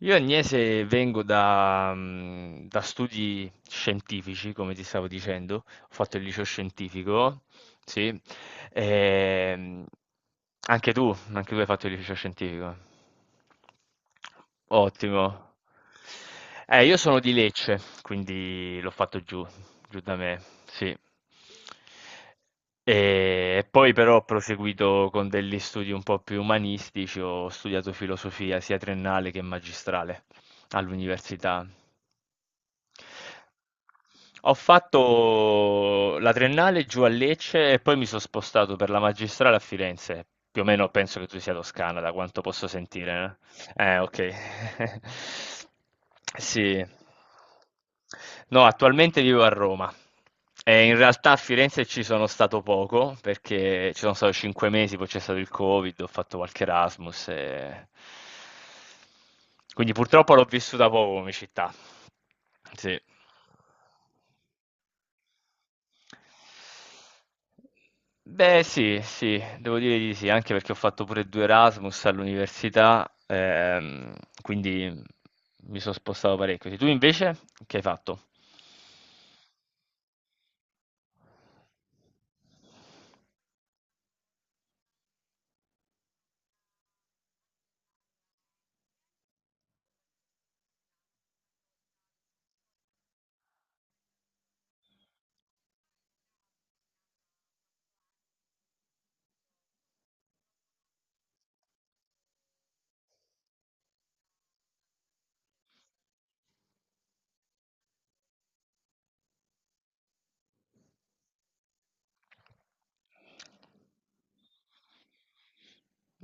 Io Agnese vengo da, da studi scientifici, come ti stavo dicendo, ho fatto il liceo scientifico, sì. Ehm, Anche tu, anche tu hai fatto il liceo scientifico. Ottimo. Io sono di Lecce, quindi l'ho fatto giù, giù da me, sì. E poi però ho proseguito con degli studi un po' più umanistici, ho studiato filosofia sia triennale che magistrale all'università. Ho fatto la triennale giù a Lecce e poi mi sono spostato per la magistrale a Firenze. Più o meno penso che tu sia toscana, da quanto posso sentire, no? Ok. Sì. No, attualmente vivo a Roma. E in realtà a Firenze ci sono stato poco, perché ci sono stato cinque mesi, poi c'è stato il Covid, ho fatto qualche Erasmus. Quindi purtroppo l'ho vissuta poco come città. Sì. Beh, sì, sì, devo dire di sì, anche perché ho fatto pure due Erasmus all'università, quindi mi sono spostato parecchio. Sì, tu invece che hai fatto?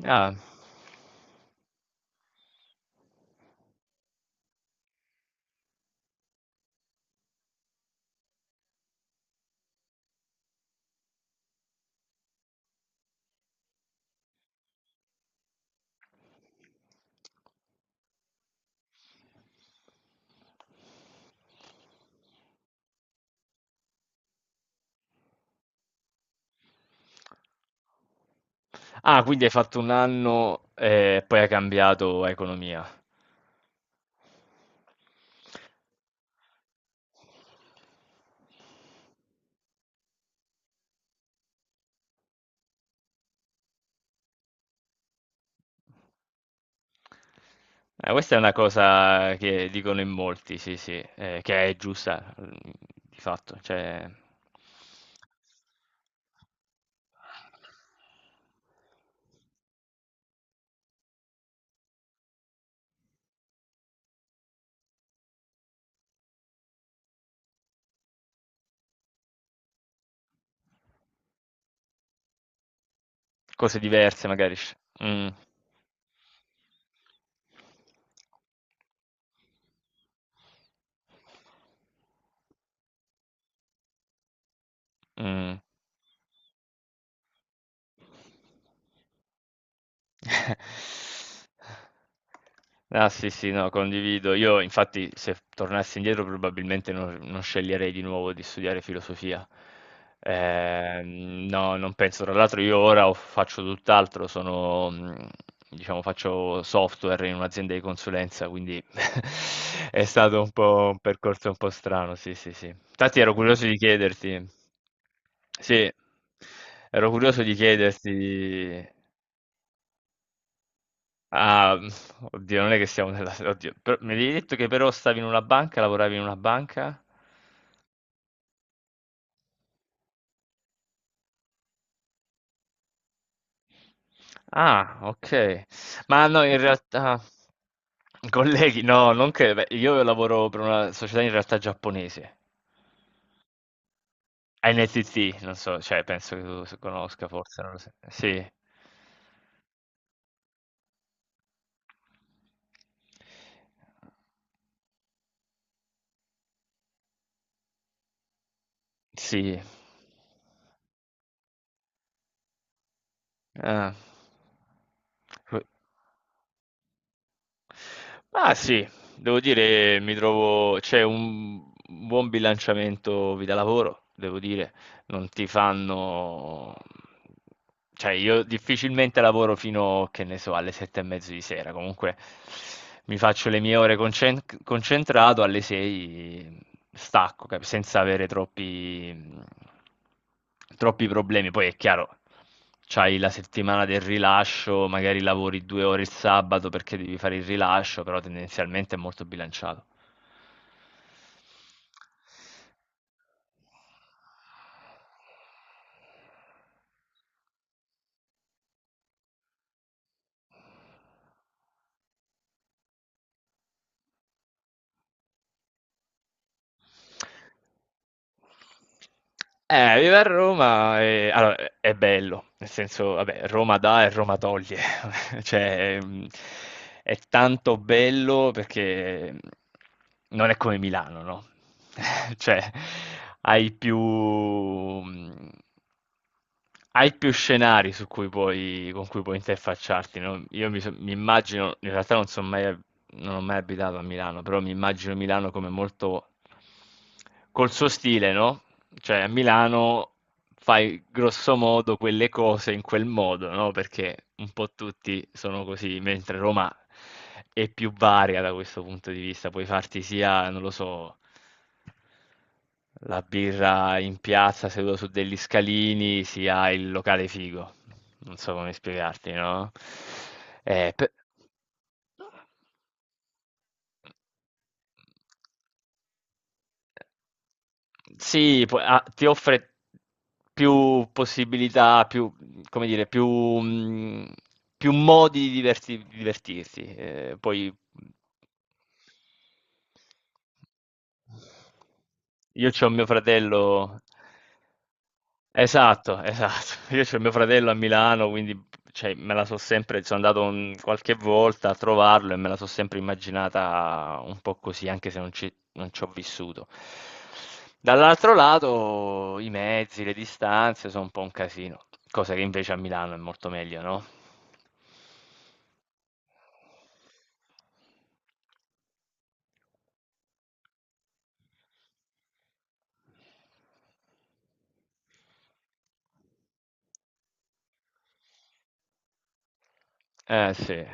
Ah, ah, quindi hai fatto un anno e poi hai cambiato a economia. Questa è una cosa che dicono in molti, sì, sì, che è giusta, mm, di fatto, cioè... Cose diverse, magari. Mm. Mm. Ah sì, sì, no, condivido. Io infatti se tornassi indietro probabilmente non sceglierei di nuovo di studiare filosofia. No, non penso. Tra l'altro io ora faccio tutt'altro, sono, diciamo, faccio software in un'azienda di consulenza, quindi è stato un po' un percorso un po' strano, sì, sì, sì. Infatti ero curioso di chiederti, sì, ero curioso di chiederti... Ah, oddio, non è che siamo nella... Oddio, mi avevi detto che però stavi in una banca, lavoravi in una banca? Ah, ok. Ma no, in realtà... Colleghi, no, non che... Beh, io lavoro per una società in realtà giapponese. NTT, non so, cioè, penso che tu conosca forse, non lo so. Sì. Sì. Ah. Ah sì, devo dire, mi trovo, c'è un buon bilanciamento vita-lavoro, devo dire, non ti fanno... Cioè, io difficilmente lavoro fino, che ne so, alle sette e mezzo di sera. Comunque mi faccio le mie ore concentrato, alle sei stacco, senza avere troppi, troppi problemi. Poi è chiaro, c'hai la settimana del rilascio, magari lavori due ore il sabato perché devi fare il rilascio, però tendenzialmente è molto bilanciato. Vivere a Roma è è bello, nel senso, vabbè, Roma dà e Roma toglie, cioè, mhmm, è tanto bello perché, mhmm, non è come Milano, no, cioè, hai più mhmm, hai più scenari su cui puoi con cui puoi interfacciarti, no, io mi so mi immagino in realtà non ho mai abitato a Milano, però mi immagino Milano come molto col suo stile, no? Cioè a Milano fai grosso modo quelle cose in quel modo, no? Perché un po' tutti sono così, mentre Roma è più varia da questo punto di vista. Puoi farti sia, non lo so, la birra in piazza seduto su degli scalini, sia il locale figo. Non so come spiegarti, no? Eh, pe- Ti offre più possibilità, più, come dire, più, più modi di divertirsi. Poi io c'ho mio fratello. Esatto, esatto. Io c'ho mio fratello a Milano, quindi cioè, me la so sempre, sono andato qualche volta a trovarlo e me la so sempre immaginata un po' così, anche se non ci ho vissuto. Dall'altro lato, i mezzi, le distanze sono un po' un casino, cosa che invece a Milano è molto meglio, no? Eh sì.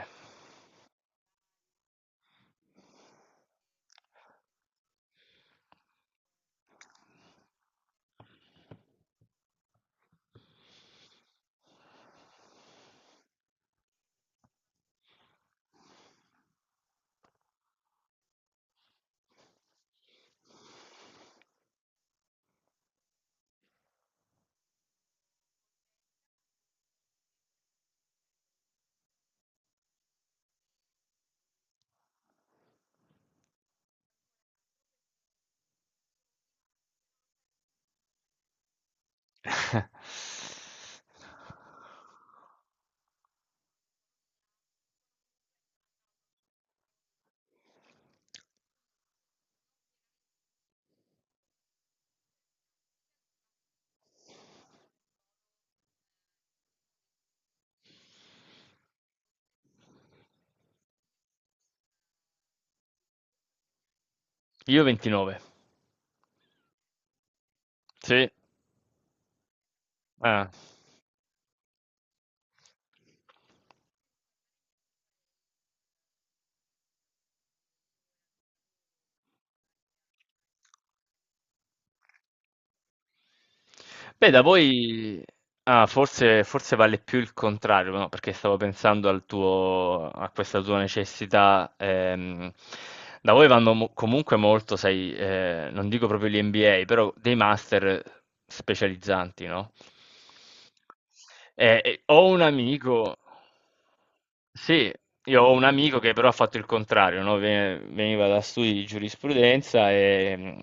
Io 29. Sì. Ah. Beh, da voi ah, forse, forse vale più il contrario, no? Perché stavo pensando al tuo, a questa tua necessità, da voi vanno comunque molto, sai, non dico proprio gli MBA, però dei master specializzanti, no? Ho un amico, sì, io ho un amico che però ha fatto il contrario, no? Veniva da studi di giurisprudenza e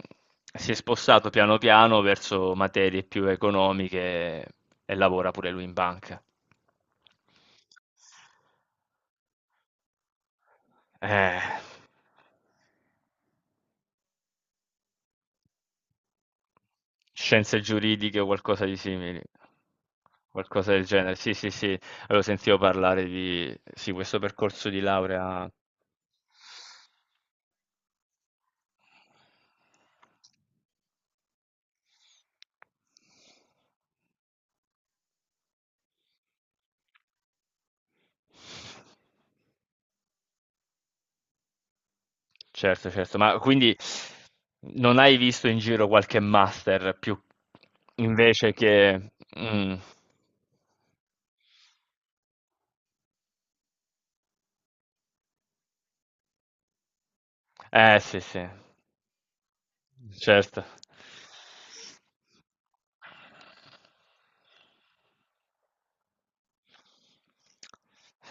si è spostato piano piano verso materie più economiche e lavora pure lui in banca. Eh. Scienze giuridiche o qualcosa di simile. Qualcosa del genere. Sì, sì, sì, avevo sentito parlare di sì, questo percorso di laurea. Certo, certo, ma quindi non hai visto in giro qualche master più invece che... Mm. Eh sì, sì, certo.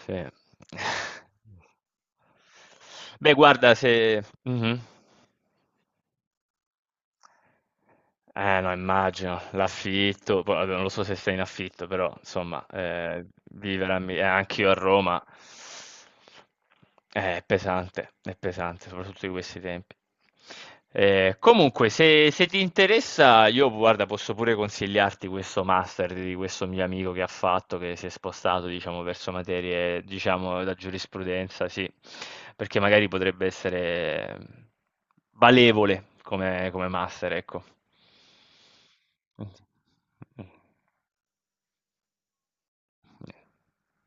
Sì. Beh guarda se mh-mh. Eh no, immagino, l'affitto, poi vabbè, non lo so se sei in affitto, però insomma, vivere a Milano, anch'io a Roma, è pesante, soprattutto in questi tempi. Comunque, se, se ti interessa, io guarda, posso pure consigliarti questo master di questo mio amico che ha fatto, che si è spostato, diciamo, verso materie, diciamo, da giurisprudenza, sì, perché magari potrebbe essere. Valevole come master, ecco. Mh. Mh. Mh.